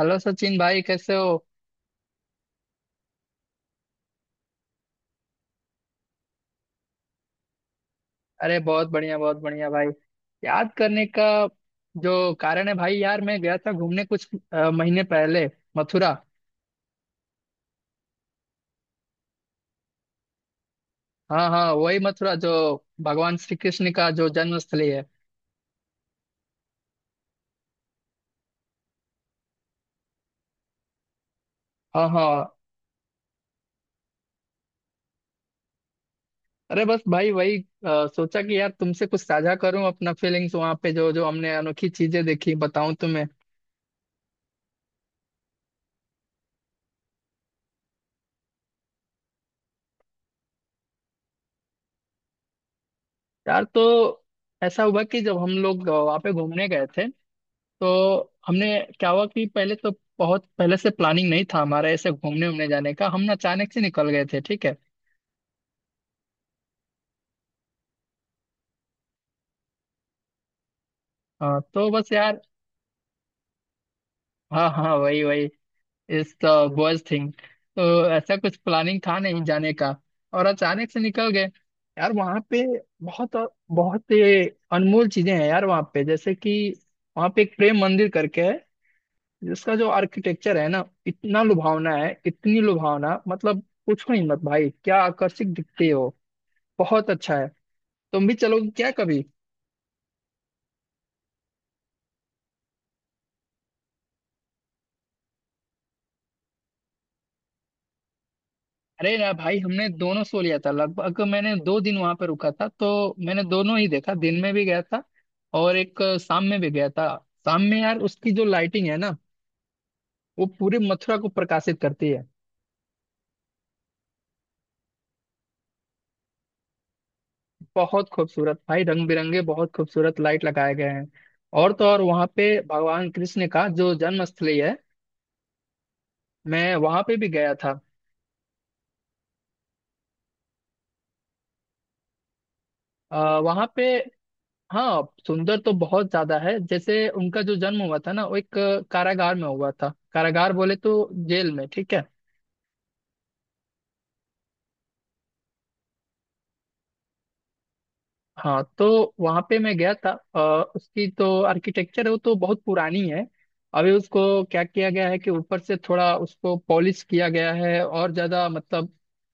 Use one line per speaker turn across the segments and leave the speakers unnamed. Hello Sachin भाई, कैसे हो। अरे बहुत बढ़िया भाई। याद करने का जो कारण है भाई, यार मैं गया था घूमने कुछ महीने पहले मथुरा। हाँ हाँ, वही मथुरा जो भगवान श्री कृष्ण का जो जन्म स्थली है। हाँ हाँ। अरे बस भाई, वही सोचा कि यार तुमसे कुछ साझा करूं अपना फीलिंग्स वहां पे जो जो हमने अनोखी चीजें देखी बताऊं तुम्हें। यार तो ऐसा हुआ कि जब हम लोग वहाँ पे घूमने गए थे तो हमने क्या हुआ कि पहले तो बहुत पहले से प्लानिंग नहीं था हमारा ऐसे घूमने उमने जाने का। हम ना अचानक से निकल गए थे, ठीक है। हाँ तो बस यार, हाँ हाँ वही वही, इस तो बॉयज थिंग। तो ऐसा कुछ प्लानिंग था नहीं जाने का और अचानक से निकल गए। यार वहाँ पे बहुत बहुत ये अनमोल चीजें हैं यार वहाँ पे, जैसे कि वहाँ पे एक प्रेम मंदिर करके है जिसका जो आर्किटेक्चर है ना, इतना लुभावना है, इतनी लुभावना मतलब पूछो ही मत भाई, क्या आकर्षक दिखते हो। बहुत अच्छा है। तुम भी चलोगे क्या कभी। अरे ना भाई, हमने दोनों सो लिया था। लगभग मैंने 2 दिन वहां पे रुका था, तो मैंने दोनों ही देखा, दिन में भी गया था और एक शाम में भी गया था। शाम में यार उसकी जो लाइटिंग है ना, वो पूरे मथुरा को प्रकाशित करती है। बहुत खूबसूरत भाई, रंग बिरंगे बहुत खूबसूरत लाइट लगाए गए हैं। और तो और, वहां पे भगवान कृष्ण का जो जन्म स्थली है, मैं वहां पे भी गया था। वहां पे हाँ, सुंदर तो बहुत ज्यादा है। जैसे उनका जो जन्म हुआ था ना, वो एक कारागार में हुआ था। कारागार बोले तो जेल में, ठीक है। हाँ तो वहां पे मैं गया था उसकी तो आर्किटेक्चर है वो तो बहुत पुरानी है। अभी उसको क्या किया गया है कि ऊपर से थोड़ा उसको पॉलिश किया गया है और ज्यादा मतलब,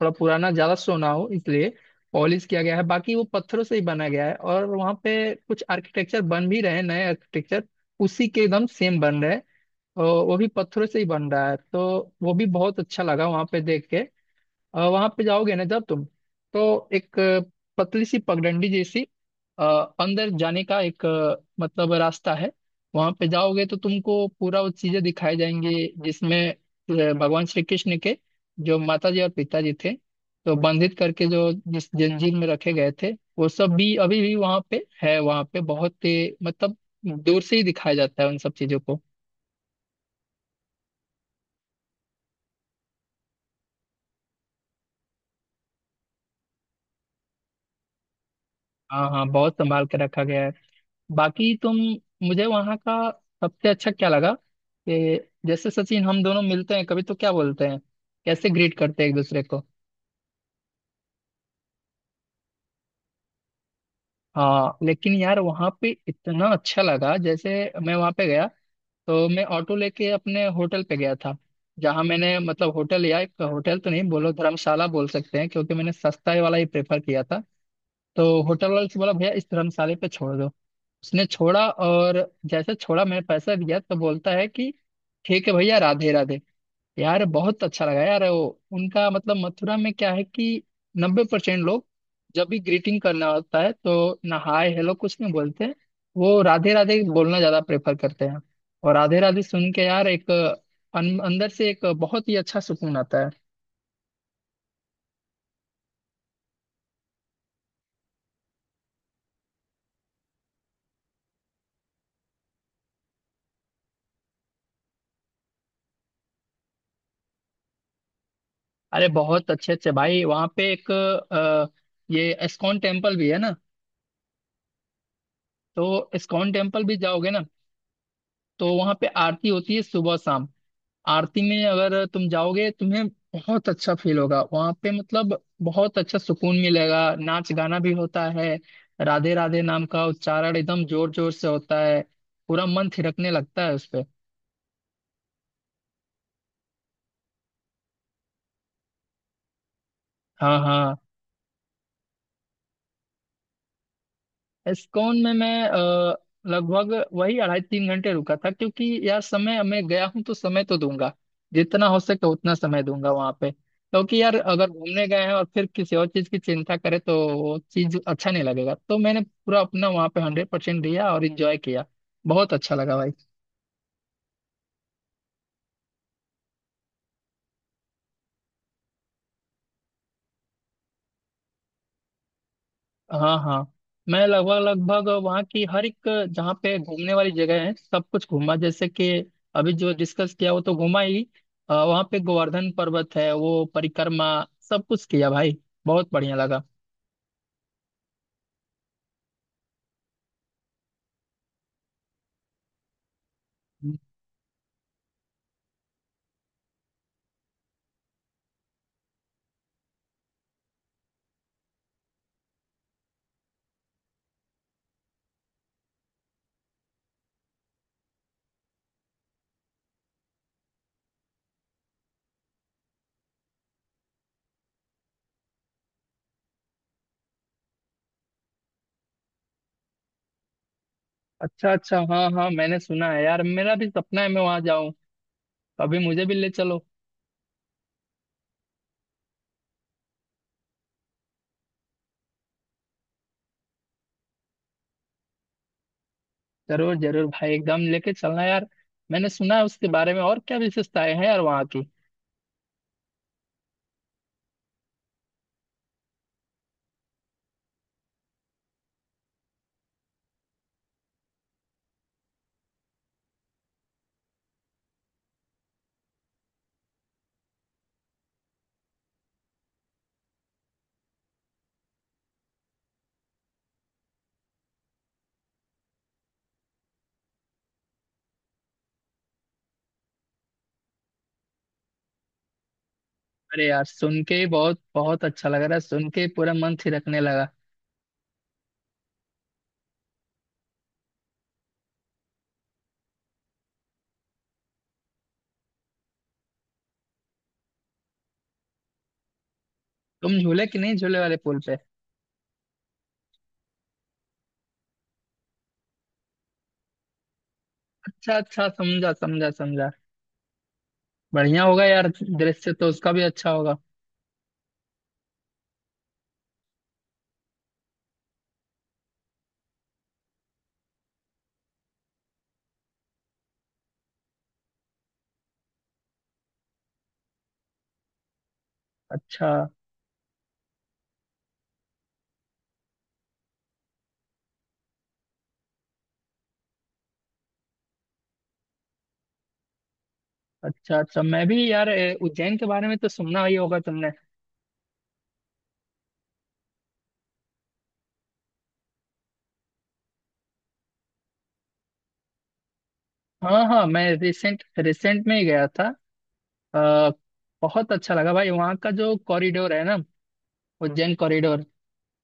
थोड़ा पुराना ज्यादा शो ना हो इसलिए पॉलिश किया गया है, बाकी वो पत्थरों से ही बना गया है। और वहाँ पे कुछ आर्किटेक्चर बन भी रहे हैं, नए आर्किटेक्चर उसी के एकदम सेम बन रहे हैं और वो भी पत्थरों से ही बन रहा है, तो वो भी बहुत अच्छा लगा वहां पे देख के। और वहां पे जाओगे ना जब तुम, तो एक पतली सी पगडंडी जैसी अ, अंदर जाने का एक मतलब रास्ता है। वहां पे जाओगे तो तुमको पूरा वो चीजें दिखाई जाएंगी जिसमें भगवान श्री कृष्ण के जो माता जी और पिताजी थे, तो बंधित करके जो जिस जंजीर में रखे गए थे, वो सब भी अभी भी वहां पे है। वहां पे बहुत ही मतलब, दूर से ही दिखाया जाता है उन सब चीजों को। हाँ हाँ, बहुत संभाल के रखा गया है। बाकी तुम, मुझे वहाँ का सबसे अच्छा क्या लगा कि, जैसे सचिन हम दोनों मिलते हैं कभी तो क्या बोलते हैं, कैसे ग्रीट करते हैं एक दूसरे को। हाँ लेकिन यार वहाँ पे इतना अच्छा लगा, जैसे मैं वहाँ पे गया तो मैं ऑटो लेके अपने होटल पे गया था, जहाँ मैंने मतलब होटल, या एक होटल तो नहीं बोलो, धर्मशाला बोल सकते हैं क्योंकि मैंने सस्ता वाला ही प्रेफर किया था। तो होटल वाले से बोला भैया इस धर्मशाले पे छोड़ दो, उसने छोड़ा और जैसे छोड़ा मैं पैसा दिया तो बोलता है कि ठीक है भैया, राधे राधे। यार बहुत अच्छा लगा यार वो, उनका मतलब मथुरा में क्या है कि 90% लोग जब भी ग्रीटिंग करना होता है तो ना हाय हेलो कुछ नहीं बोलते हैं। वो राधे राधे बोलना ज्यादा प्रेफर करते हैं। और राधे राधे सुन के यार एक अंदर से एक बहुत ही अच्छा सुकून आता है। अरे बहुत अच्छे अच्छे भाई, वहाँ पे एक ये एस्कॉन टेम्पल भी है ना, तो इस्कॉन टेम्पल भी जाओगे ना, तो वहां पे आरती होती है सुबह शाम। आरती में अगर तुम जाओगे तुम्हें बहुत अच्छा फील होगा वहां पे, मतलब बहुत अच्छा सुकून मिलेगा। नाच गाना भी होता है, राधे राधे नाम का उच्चारण एकदम जोर जोर से होता है, पूरा मन थिरकने लगता है उस पे। हाँ हाँ। एस्कॉन में मैं लगभग वही 2.5-3 घंटे रुका था, क्योंकि यार समय, मैं गया हूँ तो समय तो दूंगा, जितना हो सके उतना समय दूंगा वहां पे। क्योंकि यार अगर घूमने गए हैं और फिर किसी और चीज की चिंता करें तो वो चीज अच्छा नहीं लगेगा, तो मैंने पूरा अपना वहां पे 100% दिया और इंजॉय किया। बहुत अच्छा लगा भाई। हाँ हाँ, मैं लगभग लगभग वहाँ की हर एक, जहाँ पे घूमने वाली जगह है सब कुछ घूमा, जैसे कि अभी जो डिस्कस किया वो तो घूमा ही, वहाँ पे गोवर्धन पर्वत है वो परिक्रमा, सब कुछ किया भाई। बहुत बढ़िया लगा। अच्छा अच्छा, हाँ हाँ, मैंने सुना है यार, मेरा भी सपना है मैं वहाँ जाऊँ। अभी मुझे भी ले चलो। जरूर जरूर भाई, एकदम लेके चलना यार। मैंने सुना है उसके बारे में, और क्या विशेषताएं हैं यार वहाँ की। अरे यार सुन के ही बहुत बहुत अच्छा लग रहा है, सुन के ही पूरा मन थिरकने लगा। तुम झूले कि नहीं झूले वाले पुल पे। अच्छा अच्छा, समझा समझा समझा। बढ़िया होगा यार। दृश्य तो उसका भी अच्छा होगा। अच्छा अच्छा अच्छा, मैं भी यार उज्जैन के बारे में तो सुना ही होगा तुमने। हाँ हाँ, मैं रिसेंट रिसेंट में ही गया था। आ, बहुत अच्छा लगा भाई, वहाँ का जो कॉरिडोर है ना, उज्जैन कॉरिडोर,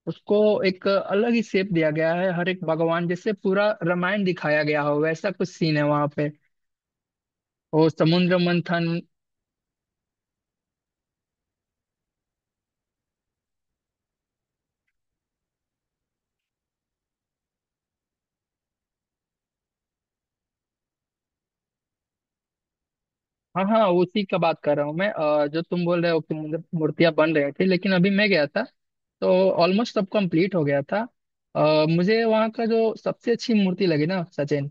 उसको एक अलग ही शेप दिया गया है। हर एक भगवान, जैसे पूरा रामायण दिखाया गया हो वैसा कुछ सीन है वहाँ पे। वो समुद्र मंथन, हाँ हाँ, उसी का बात कर रहा हूँ मैं। जो तुम बोल रहे हो कि मुझे मूर्तियाँ बन रही थी, लेकिन अभी मैं गया था तो ऑलमोस्ट सब कंप्लीट हो गया था। मुझे वहाँ का जो सबसे अच्छी मूर्ति लगी ना सचिन,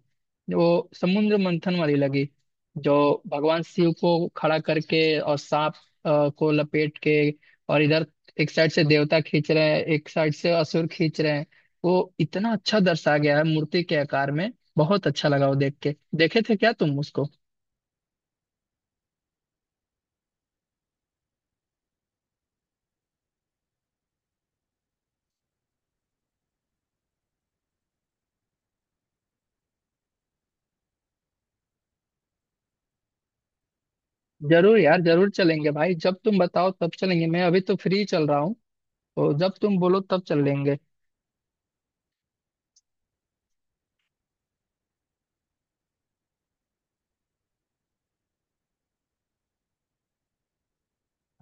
वो समुद्र मंथन वाली लगी। जो भगवान शिव को खड़ा करके और सांप को लपेट के, और इधर एक साइड से देवता खींच रहे हैं एक साइड से असुर खींच रहे हैं, वो इतना अच्छा दर्शा गया है मूर्ति के आकार में। बहुत अच्छा लगा वो देख के। देखे थे क्या तुम उसको। जरूर यार, जरूर चलेंगे भाई, जब तुम बताओ तब चलेंगे। मैं अभी तो फ्री चल रहा हूँ, तो जब तुम बोलो तब चल लेंगे।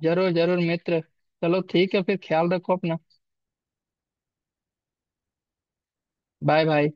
जरूर जरूर मित्र। चलो ठीक है फिर, ख्याल रखो अपना। Bye bye.